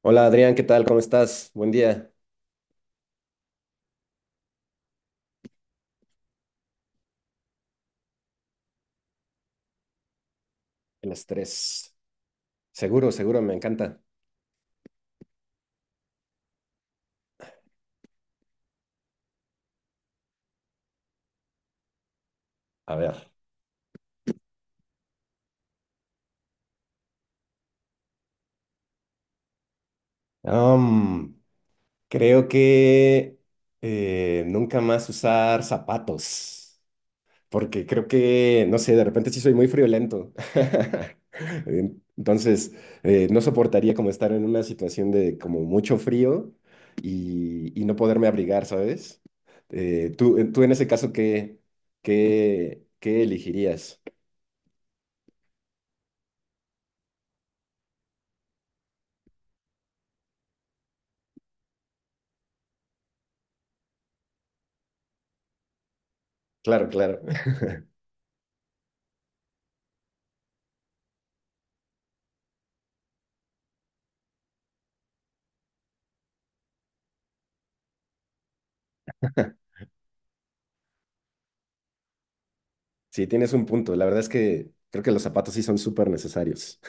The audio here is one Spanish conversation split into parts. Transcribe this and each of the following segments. Hola Adrián, ¿qué tal? ¿Cómo estás? Buen día. El estrés. Seguro, seguro, me encanta. A ver. am, creo que nunca más usar zapatos, porque creo que, no sé, de repente sí soy muy friolento. Entonces, no soportaría como estar en una situación de como mucho frío y no poderme abrigar, ¿sabes? Tú en ese caso, ¿qué elegirías? Claro, claro. Sí, tienes un punto. La verdad es que creo que los zapatos sí son súper necesarios.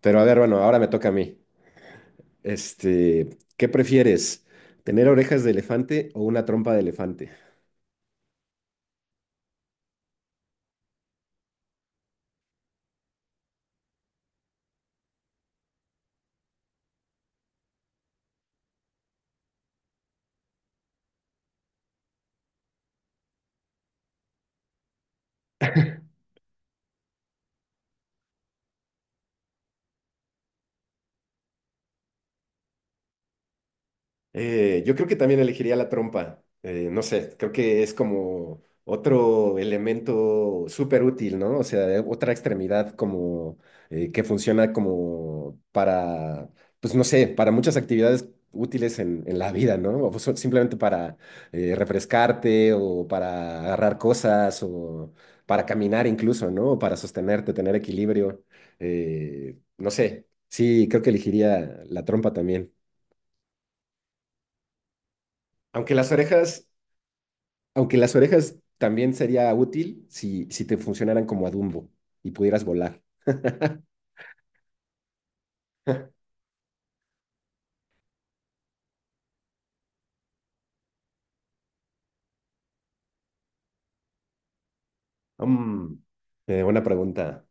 Pero a ver, bueno, ahora me toca a mí. Este, ¿qué prefieres? ¿Tener orejas de elefante o una trompa de elefante? Yo creo que también elegiría la trompa. No sé, creo que es como otro elemento súper útil, ¿no? O sea, otra extremidad como que funciona como para, pues no sé, para muchas actividades útiles en la vida, ¿no? Simplemente para refrescarte o para agarrar cosas o para caminar incluso, ¿no? O para sostenerte, tener equilibrio. No sé, sí, creo que elegiría la trompa también. Aunque las orejas... Aunque las orejas también sería útil si te funcionaran como a Dumbo y pudieras volar. Mm, Buena pregunta.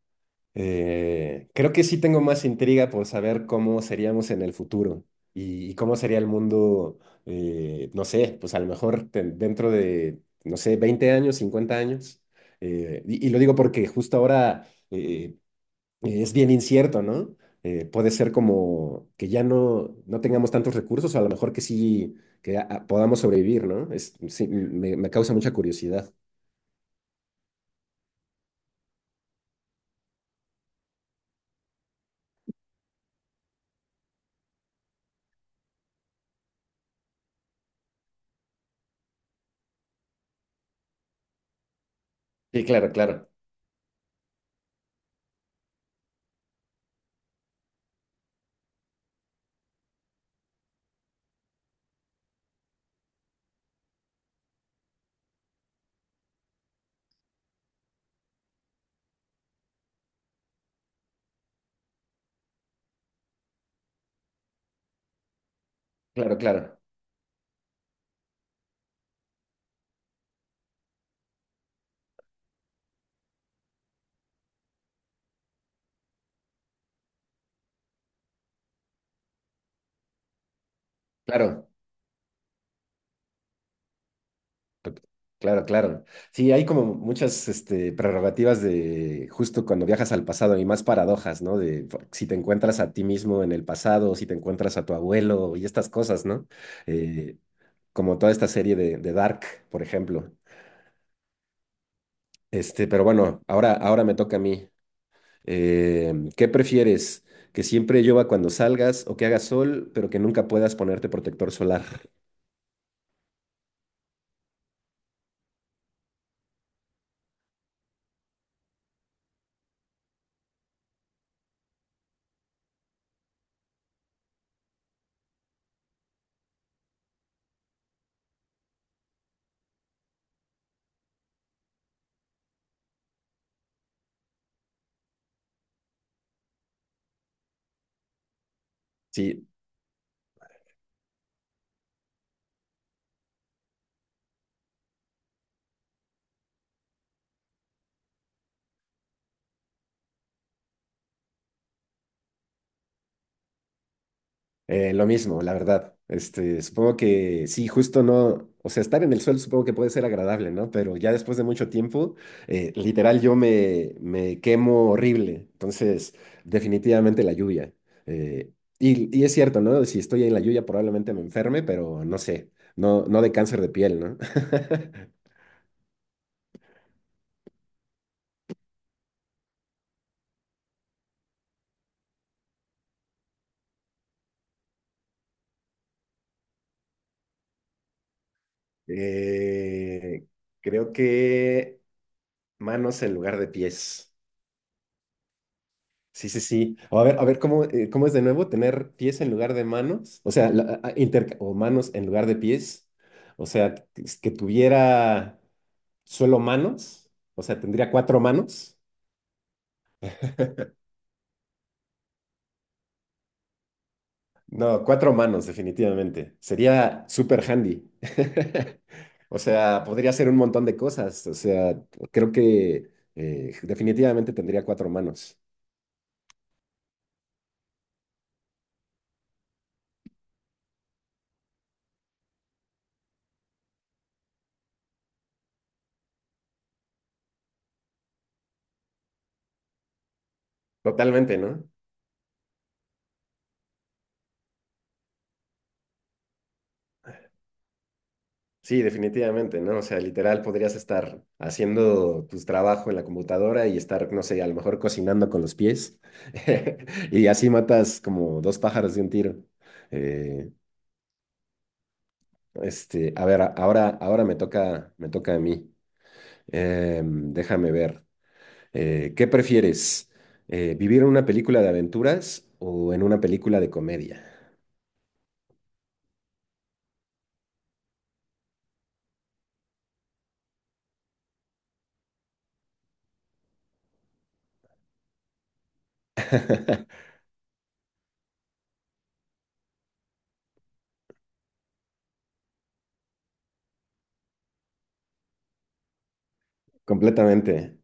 Creo que sí tengo más intriga por saber cómo seríamos en el futuro y cómo sería el mundo, no sé, pues a lo mejor dentro de, no sé, 20 años, 50 años. Y lo digo porque justo ahora es bien incierto, ¿no? Puede ser como que ya no tengamos tantos recursos, o a lo mejor que sí, que podamos sobrevivir, ¿no? Sí, me causa mucha curiosidad. Sí, claro, claro, claro, claro, claro, to- claro, claro. Sí, hay como muchas este, prerrogativas de justo cuando viajas al pasado y más paradojas, ¿no? Si te encuentras a ti mismo en el pasado, si te encuentras a tu abuelo y estas cosas, ¿no? Eh, Como toda esta serie de Dark, por ejemplo. Este, pero bueno, ahora me toca a mí. ¿Qué prefieres? ¿Que siempre llueva cuando salgas o que haga sol, pero que nunca puedas ponerte protector solar? Sí, lo mismo, la verdad. Este, supongo que sí, justo no, o sea, estar en el suelo supongo que puede ser agradable, ¿no? Pero ya después de mucho tiempo, literal yo me quemo horrible. Entonces, definitivamente la lluvia. Eh, y es cierto, ¿no? Si estoy en la lluvia probablemente me enferme, pero no sé, no de cáncer de piel, ¿no? Eh, Creo que manos en lugar de pies. Sí, sí, sí. O a ver cómo, cómo es de nuevo tener pies en lugar de manos, o sea, o manos en lugar de pies, o sea, que tuviera solo manos, o sea, tendría cuatro manos. No, cuatro manos, definitivamente. Sería super handy. O sea, podría hacer un montón de cosas. O sea, creo que definitivamente tendría cuatro manos. Totalmente, ¿no? Sí, definitivamente, ¿no? O sea, literal podrías estar haciendo tu trabajo en la computadora y estar, no sé, a lo mejor cocinando con los pies y así matas como dos pájaros de un tiro. Eh, este, a ver, ahora, ahora me toca a mí. Em, déjame ver. ¿Qué prefieres? ¿Vivir en una película de aventuras o en una película de comedia? Completamente.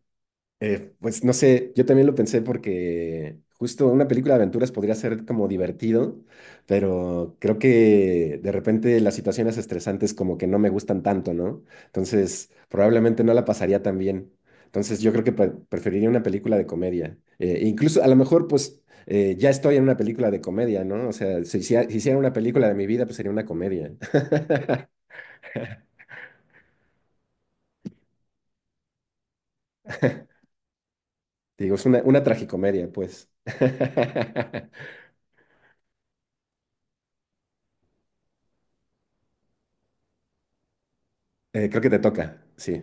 Pues no sé, yo también lo pensé porque justo una película de aventuras podría ser como divertido, pero creo que de repente las situaciones estresantes como que no me gustan tanto, ¿no? Entonces, probablemente no la pasaría tan bien. Entonces, yo creo que preferiría una película de comedia. Incluso a lo mejor, pues, ya estoy en una película de comedia, ¿no? O sea, si, hiciera si hiciera una película de mi vida, pues sería una comedia. Digo, es una tragicomedia, pues. Creo que te toca, sí.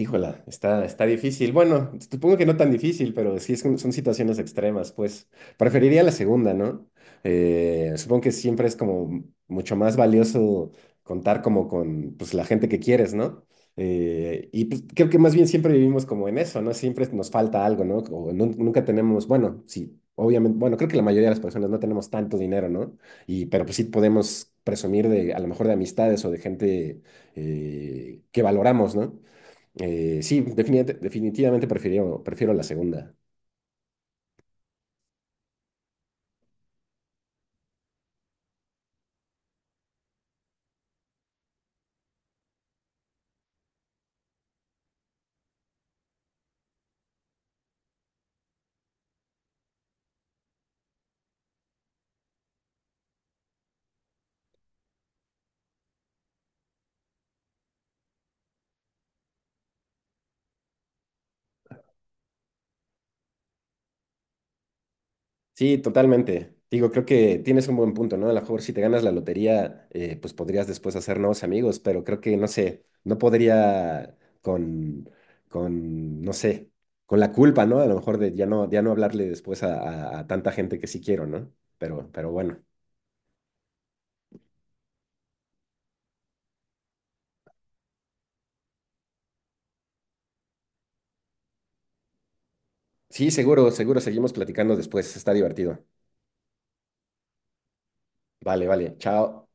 Híjola, está difícil. Bueno, supongo que no tan difícil, pero sí es son situaciones extremas, pues. Preferiría la segunda, ¿no? Supongo que siempre es como mucho más valioso contar como con pues, la gente que quieres, ¿no? Y pues, creo que más bien siempre vivimos como en eso, ¿no? Siempre nos falta algo, ¿no? Nunca tenemos, bueno, sí, obviamente, bueno, creo que la mayoría de las personas no tenemos tanto dinero, ¿no? Y, pero pues sí podemos presumir de, a lo mejor de amistades o de gente que valoramos, ¿no? Sí, definitivamente prefiero, prefiero la segunda. Sí, totalmente. Digo, creo que tienes un buen punto, ¿no? A lo mejor si te ganas la lotería, pues podrías después hacer nuevos amigos, pero creo que, no sé, no podría con, no sé, con la culpa, ¿no? A lo mejor de ya no, ya no hablarle después a, a tanta gente que sí quiero, ¿no? Pero bueno. Sí, seguro, seguro, seguimos platicando después. Está divertido. Vale, vale. Chao.